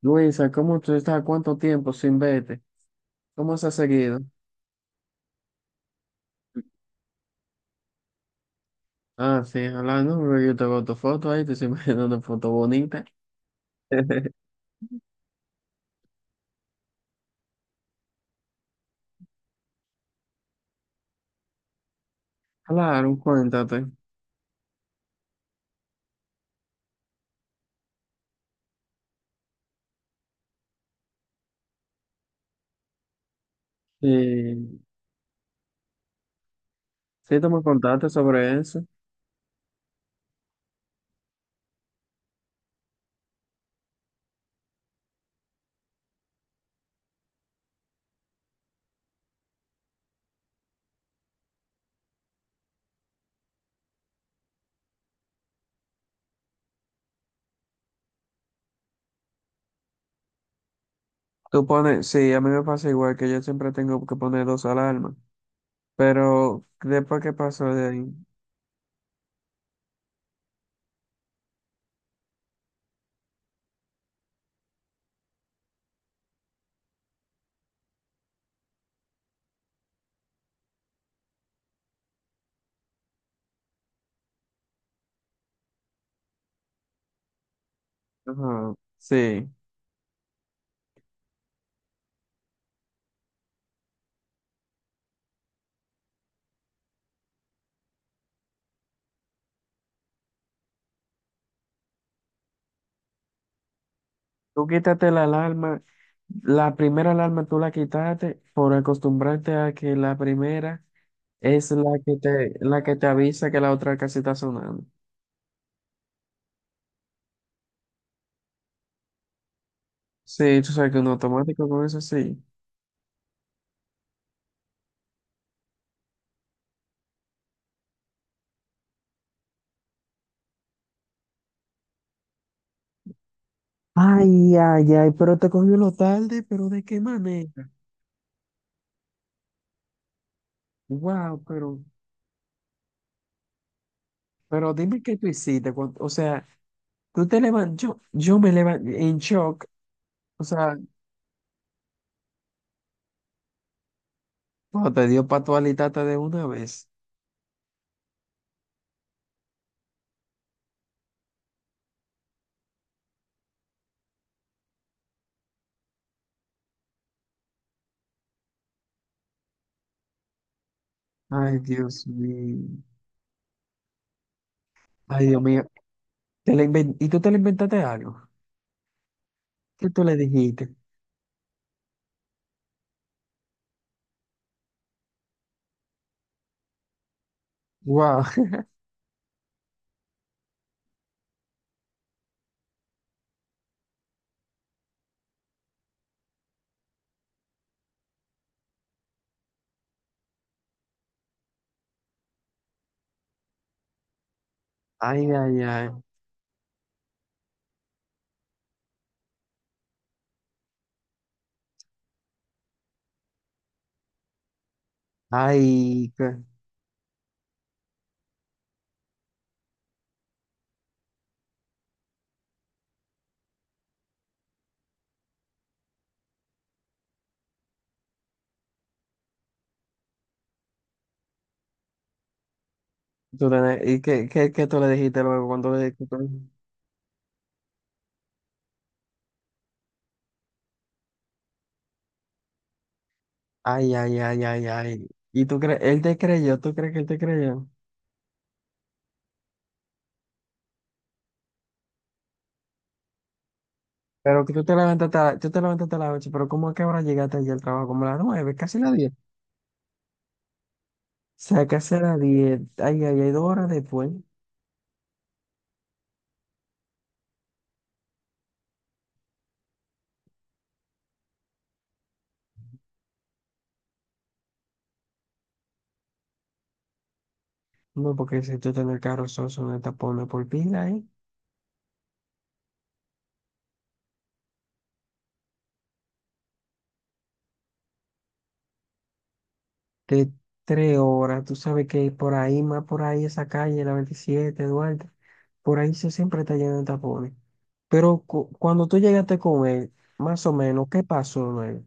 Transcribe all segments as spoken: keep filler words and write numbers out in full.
Luisa, ¿cómo tú estás? ¿Cuánto tiempo sin verte? ¿Cómo se ha seguido? Ah, sí, hablando, porque yo tengo tu foto ahí, te estoy mandando una foto bonita. Claro, cuéntate. Sí, sí, tú me contaste sobre eso. Tú pones, sí, a mí me pasa igual que yo siempre tengo que poner dos alarmas, pero después que pasó de ahí, ajá, sí. Tú quítate la alarma, la primera alarma tú la quitaste por acostumbrarte a que la primera es la que te, la que te avisa que la otra casi está sonando. Sí, tú sabes que un automático con eso sí. Ay, ay, ay, pero te cogió lo tarde, pero ¿de qué manera? Wow, pero, pero dime qué tú hiciste. Cuan- o sea, tú te levantas, yo, yo me levanté en shock. O sea, cuando te dio pa' tu alitata de una vez. Ay, Dios mío. Ay, Dios mío. Te la inven- ¿Y tú te le inventaste algo? ¿Qué tú le dijiste? Wow. Ay, ay, ay. Ay, ¿qué? ¿Tú te- ¿Y qué, qué, qué tú le dijiste luego cuando le dijiste? Ay, ay, ay, ay, ay. ¿Y tú crees? Él te creyó, ¿tú crees que él te creyó? Pero que tú te levantaste a, la- tú te levantaste a las ocho, pero ¿cómo es que ahora llegaste allí al trabajo? Como a las nueve, casi las diez. O sea, casi a las diez. Ay, ay, ay, dos horas después. No, porque si tú estás en el carro, sos una tapona por pila, ¿eh? De tres horas. Tú sabes que por ahí, más por ahí, esa calle, la veintisiete, Duarte, por ahí se siempre está lleno de tapones. Pero cu- cuando tú llegaste con él, más o menos, ¿qué pasó luego?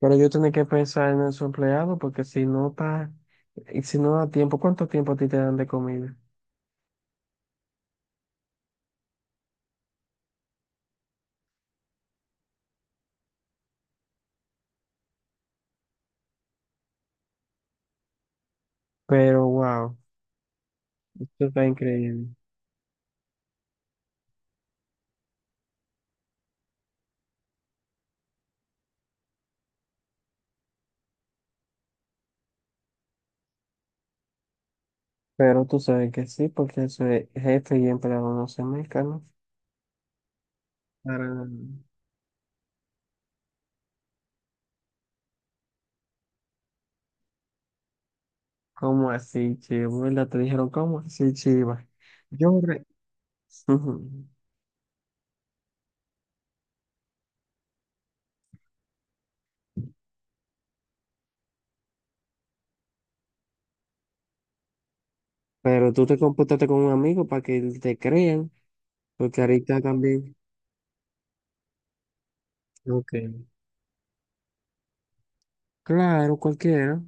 Pero yo tenía que pensar en su empleado porque si no está, y si no da tiempo, ¿cuánto tiempo a ti te dan de comida? Pero wow, esto está increíble. Pero tú sabes que sí, porque eso es jefe y empleado no se mezclan, ¿no? Para nada. ¿Cómo así, chivo? ¿Verdad? Te dijeron, ¿cómo así, chiva? Yo re- Ujú. Pero tú te computaste con un amigo para que te crean, porque ahorita también. Ok. Claro, cualquiera.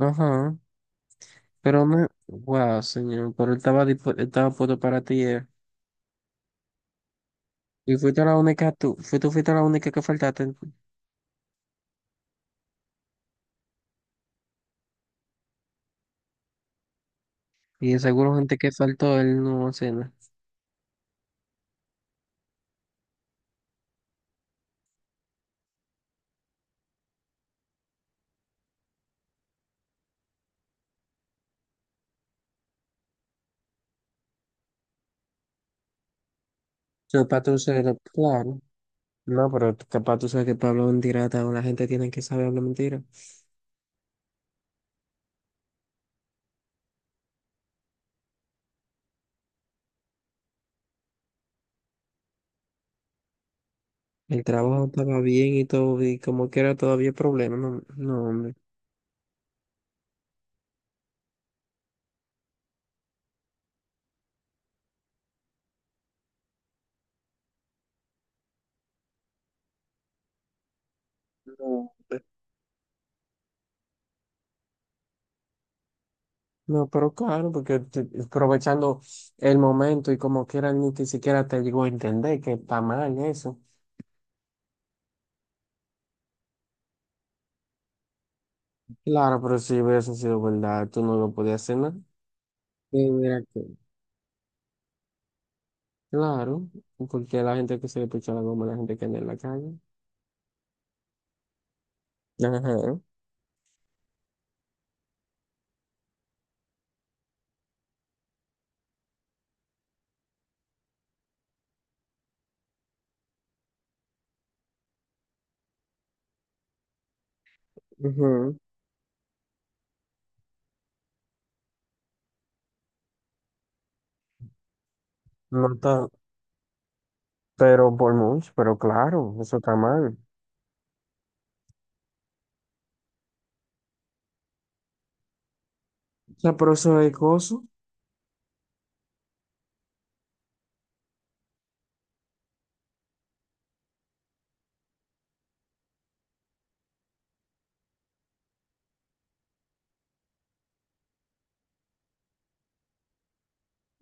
Ajá. Pero me. Wow, señor. Pero él estaba, dispu- estaba puesto para ti. eh. Y fuiste la única, tú, fui- tú fuiste la única que faltaste. Y de seguro gente que faltó, él no hace nada. Yo, para tú ser, claro. No, pero capaz tú sabes que Pablo hablar mentira, la gente tiene que saber hablar mentira. El trabajo estaba bien y todo, y como que era todavía problema, no, no, hombre. No, hombre. No, pero claro, porque te- aprovechando el momento y como quiera ni que siquiera te llegó a entender que está mal eso. Claro, pero si hubiese sido verdad, tú no lo podías hacer nada. Sí, mira que. Claro, porque la gente que se le picha la goma, la gente que anda en la calle. Ajá. Ujú. No está, pero por mucho, pero claro, eso está mal. O sea, pero eso es cosa.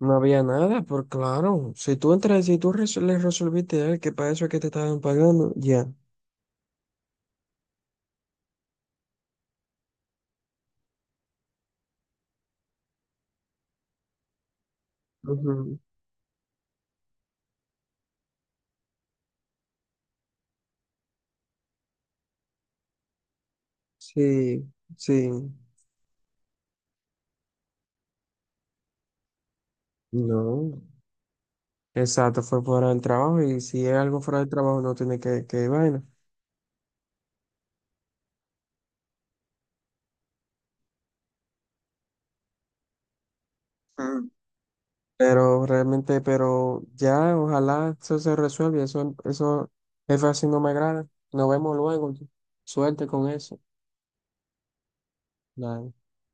No había nada, por claro. Si tú entras, si tú res- Le resolviste a él que para eso es que te estaban pagando, ya. Ujú. Sí, sí. No. Exacto, fue fuera del trabajo y si es algo fuera del trabajo no tiene que, que vaina. Mm. Pero realmente, pero ya, ojalá eso se resuelva. Eso, eso, jefe, así no me agrada. Nos vemos luego. Suerte con eso. Nada.